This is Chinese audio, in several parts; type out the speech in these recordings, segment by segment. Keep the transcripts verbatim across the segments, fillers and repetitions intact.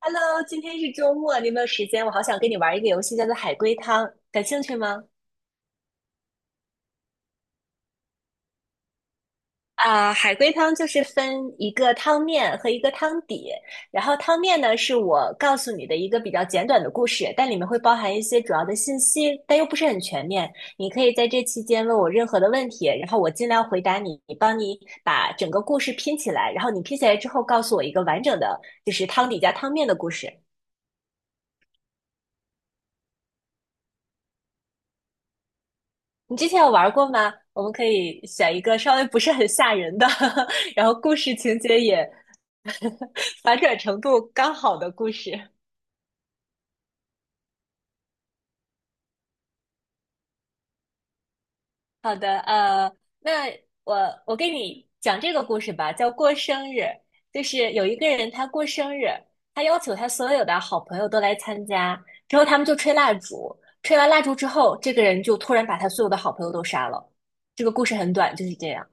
Hello，今天是周末，你有没有时间？我好想跟你玩一个游戏，叫做海龟汤，感兴趣吗？啊，海龟汤就是分一个汤面和一个汤底，然后汤面呢是我告诉你的一个比较简短的故事，但里面会包含一些主要的信息，但又不是很全面。你可以在这期间问我任何的问题，然后我尽量回答你，帮你把整个故事拼起来，然后你拼起来之后告诉我一个完整的，就是汤底加汤面的故事。你之前有玩过吗？我们可以选一个稍微不是很吓人的，然后故事情节也 反转程度刚好的故事。好的，呃，那我我给你讲这个故事吧，叫过生日。就是有一个人他过生日，他要求他所有的好朋友都来参加，之后他们就吹蜡烛，吹完蜡烛之后，这个人就突然把他所有的好朋友都杀了。这个故事很短，就是这样，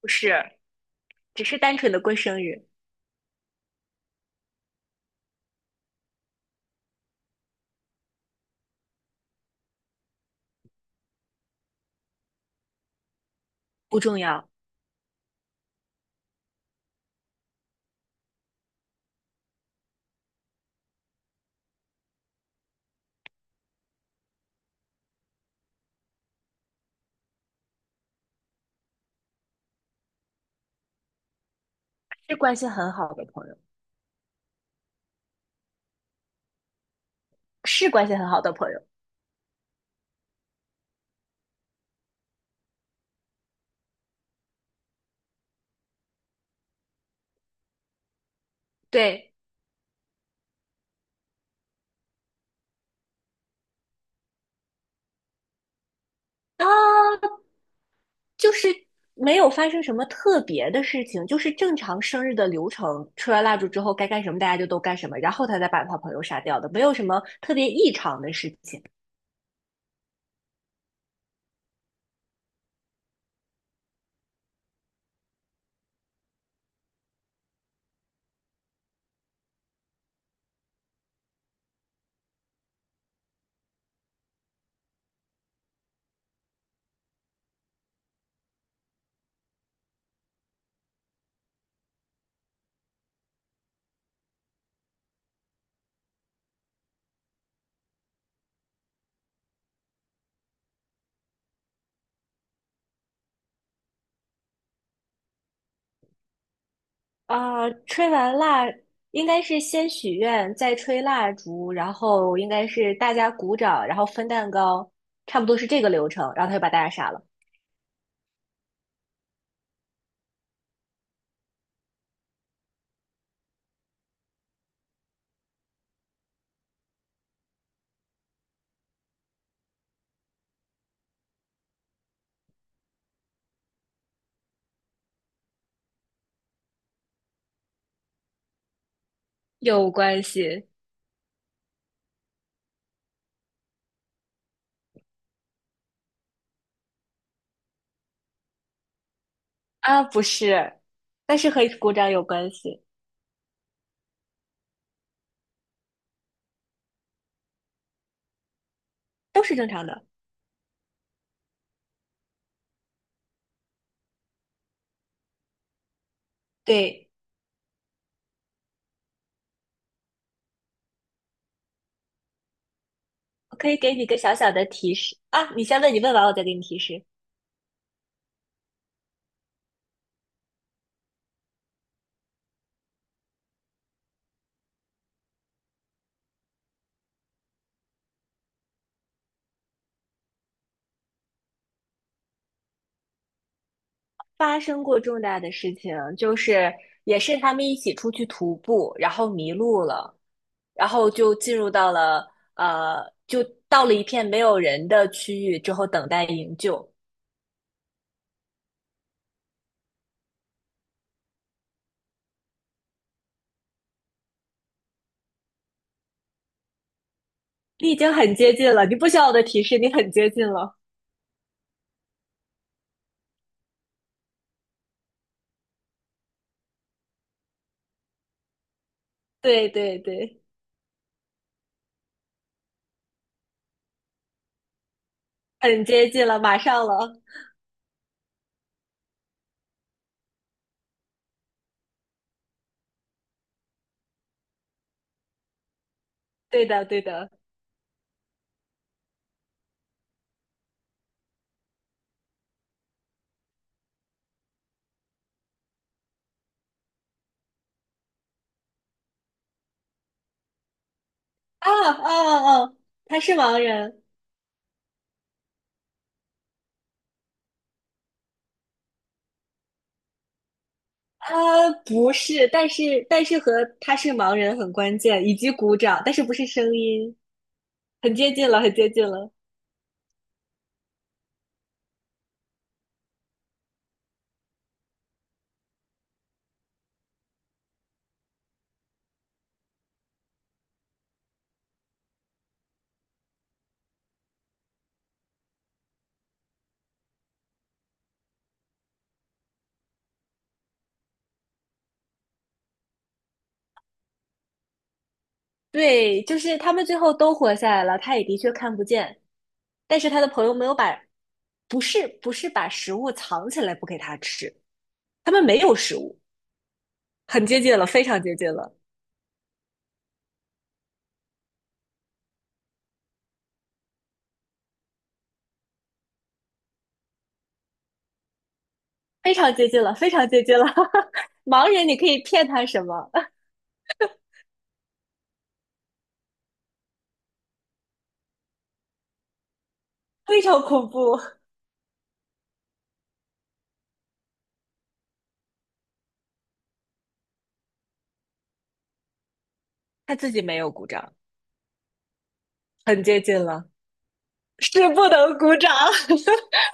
不是，只是单纯的过生日，不重要。是关系很好的朋友，是关系很好的朋友。对，啊，就是没有发生什么特别的事情，就是正常生日的流程，吹完蜡烛之后该干什么大家就都干什么，然后他再把他朋友杀掉的，没有什么特别异常的事情。啊、吹完蜡应该是先许愿，再吹蜡烛，然后应该是大家鼓掌，然后分蛋糕，差不多是这个流程，然后他就把大家杀了。有关系啊，不是，但是和鼓掌有关系。都是正常的。对，我可以给你个小小的提示啊，你先问，你问完我再给你提示。发生过重大的事情，就是也是他们一起出去徒步，然后迷路了，然后就进入到了呃，就到了一片没有人的区域之后等待营救。你已经很接近了，你不需要我的提示，你很接近了。对对对，很接近了，马上了。对的对的。啊啊啊！啊他是盲人。呃，不是，但是但是和他是盲人很关键，以及鼓掌，但是不是声音，很接近了，很接近了。对，就是他们最后都活下来了，他也的确看不见，但是他的朋友没有把，不是不是把食物藏起来不给他吃，他们没有食物，很接近了，非常接近了，非常接近了，非常接近了。盲人你可以骗他什么？非常恐怖，他自己没有鼓掌，很接近了，是不能鼓掌。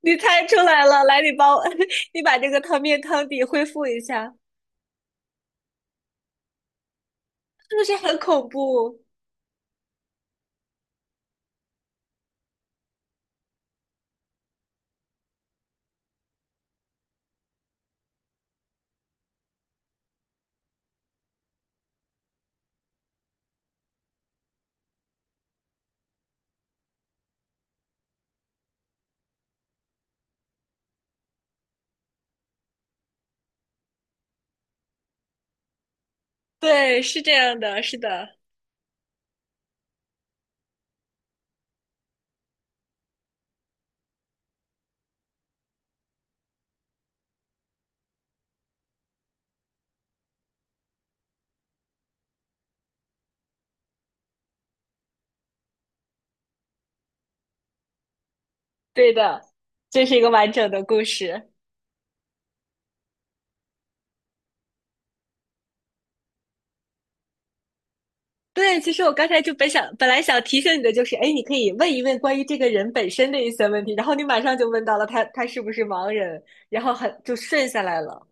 你猜出来了，来，你帮我，你把这个汤面汤底恢复一下，是不是很恐怖？对，是这样的，是的，对的，这是一个完整的故事。对，其实我刚才就本想，本来想提醒你的就是，哎，你可以问一问关于这个人本身的一些问题，然后你马上就问到了他，他是不是盲人，然后很就顺下来了。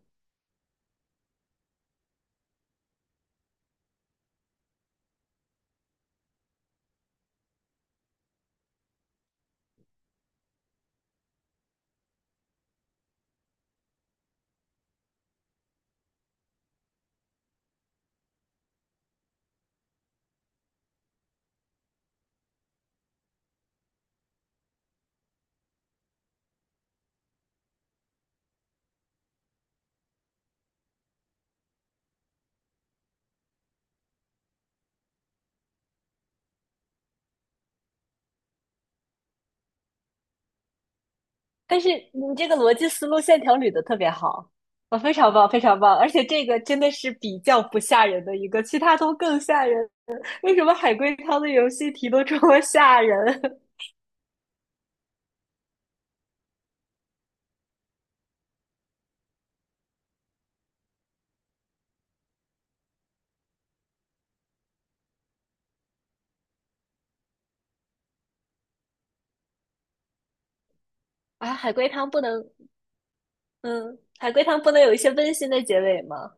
但是你这个逻辑思路线条捋的特别好，啊，非常棒，非常棒，而且这个真的是比较不吓人的一个，其他都更吓人。为什么海龟汤的游戏题都这么吓人 啊？海龟汤不能，嗯，海龟汤不能有一些温馨的结尾吗？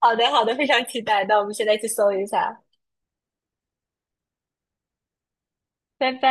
好的，好的，非常期待。那我们现在去搜一下，拜拜。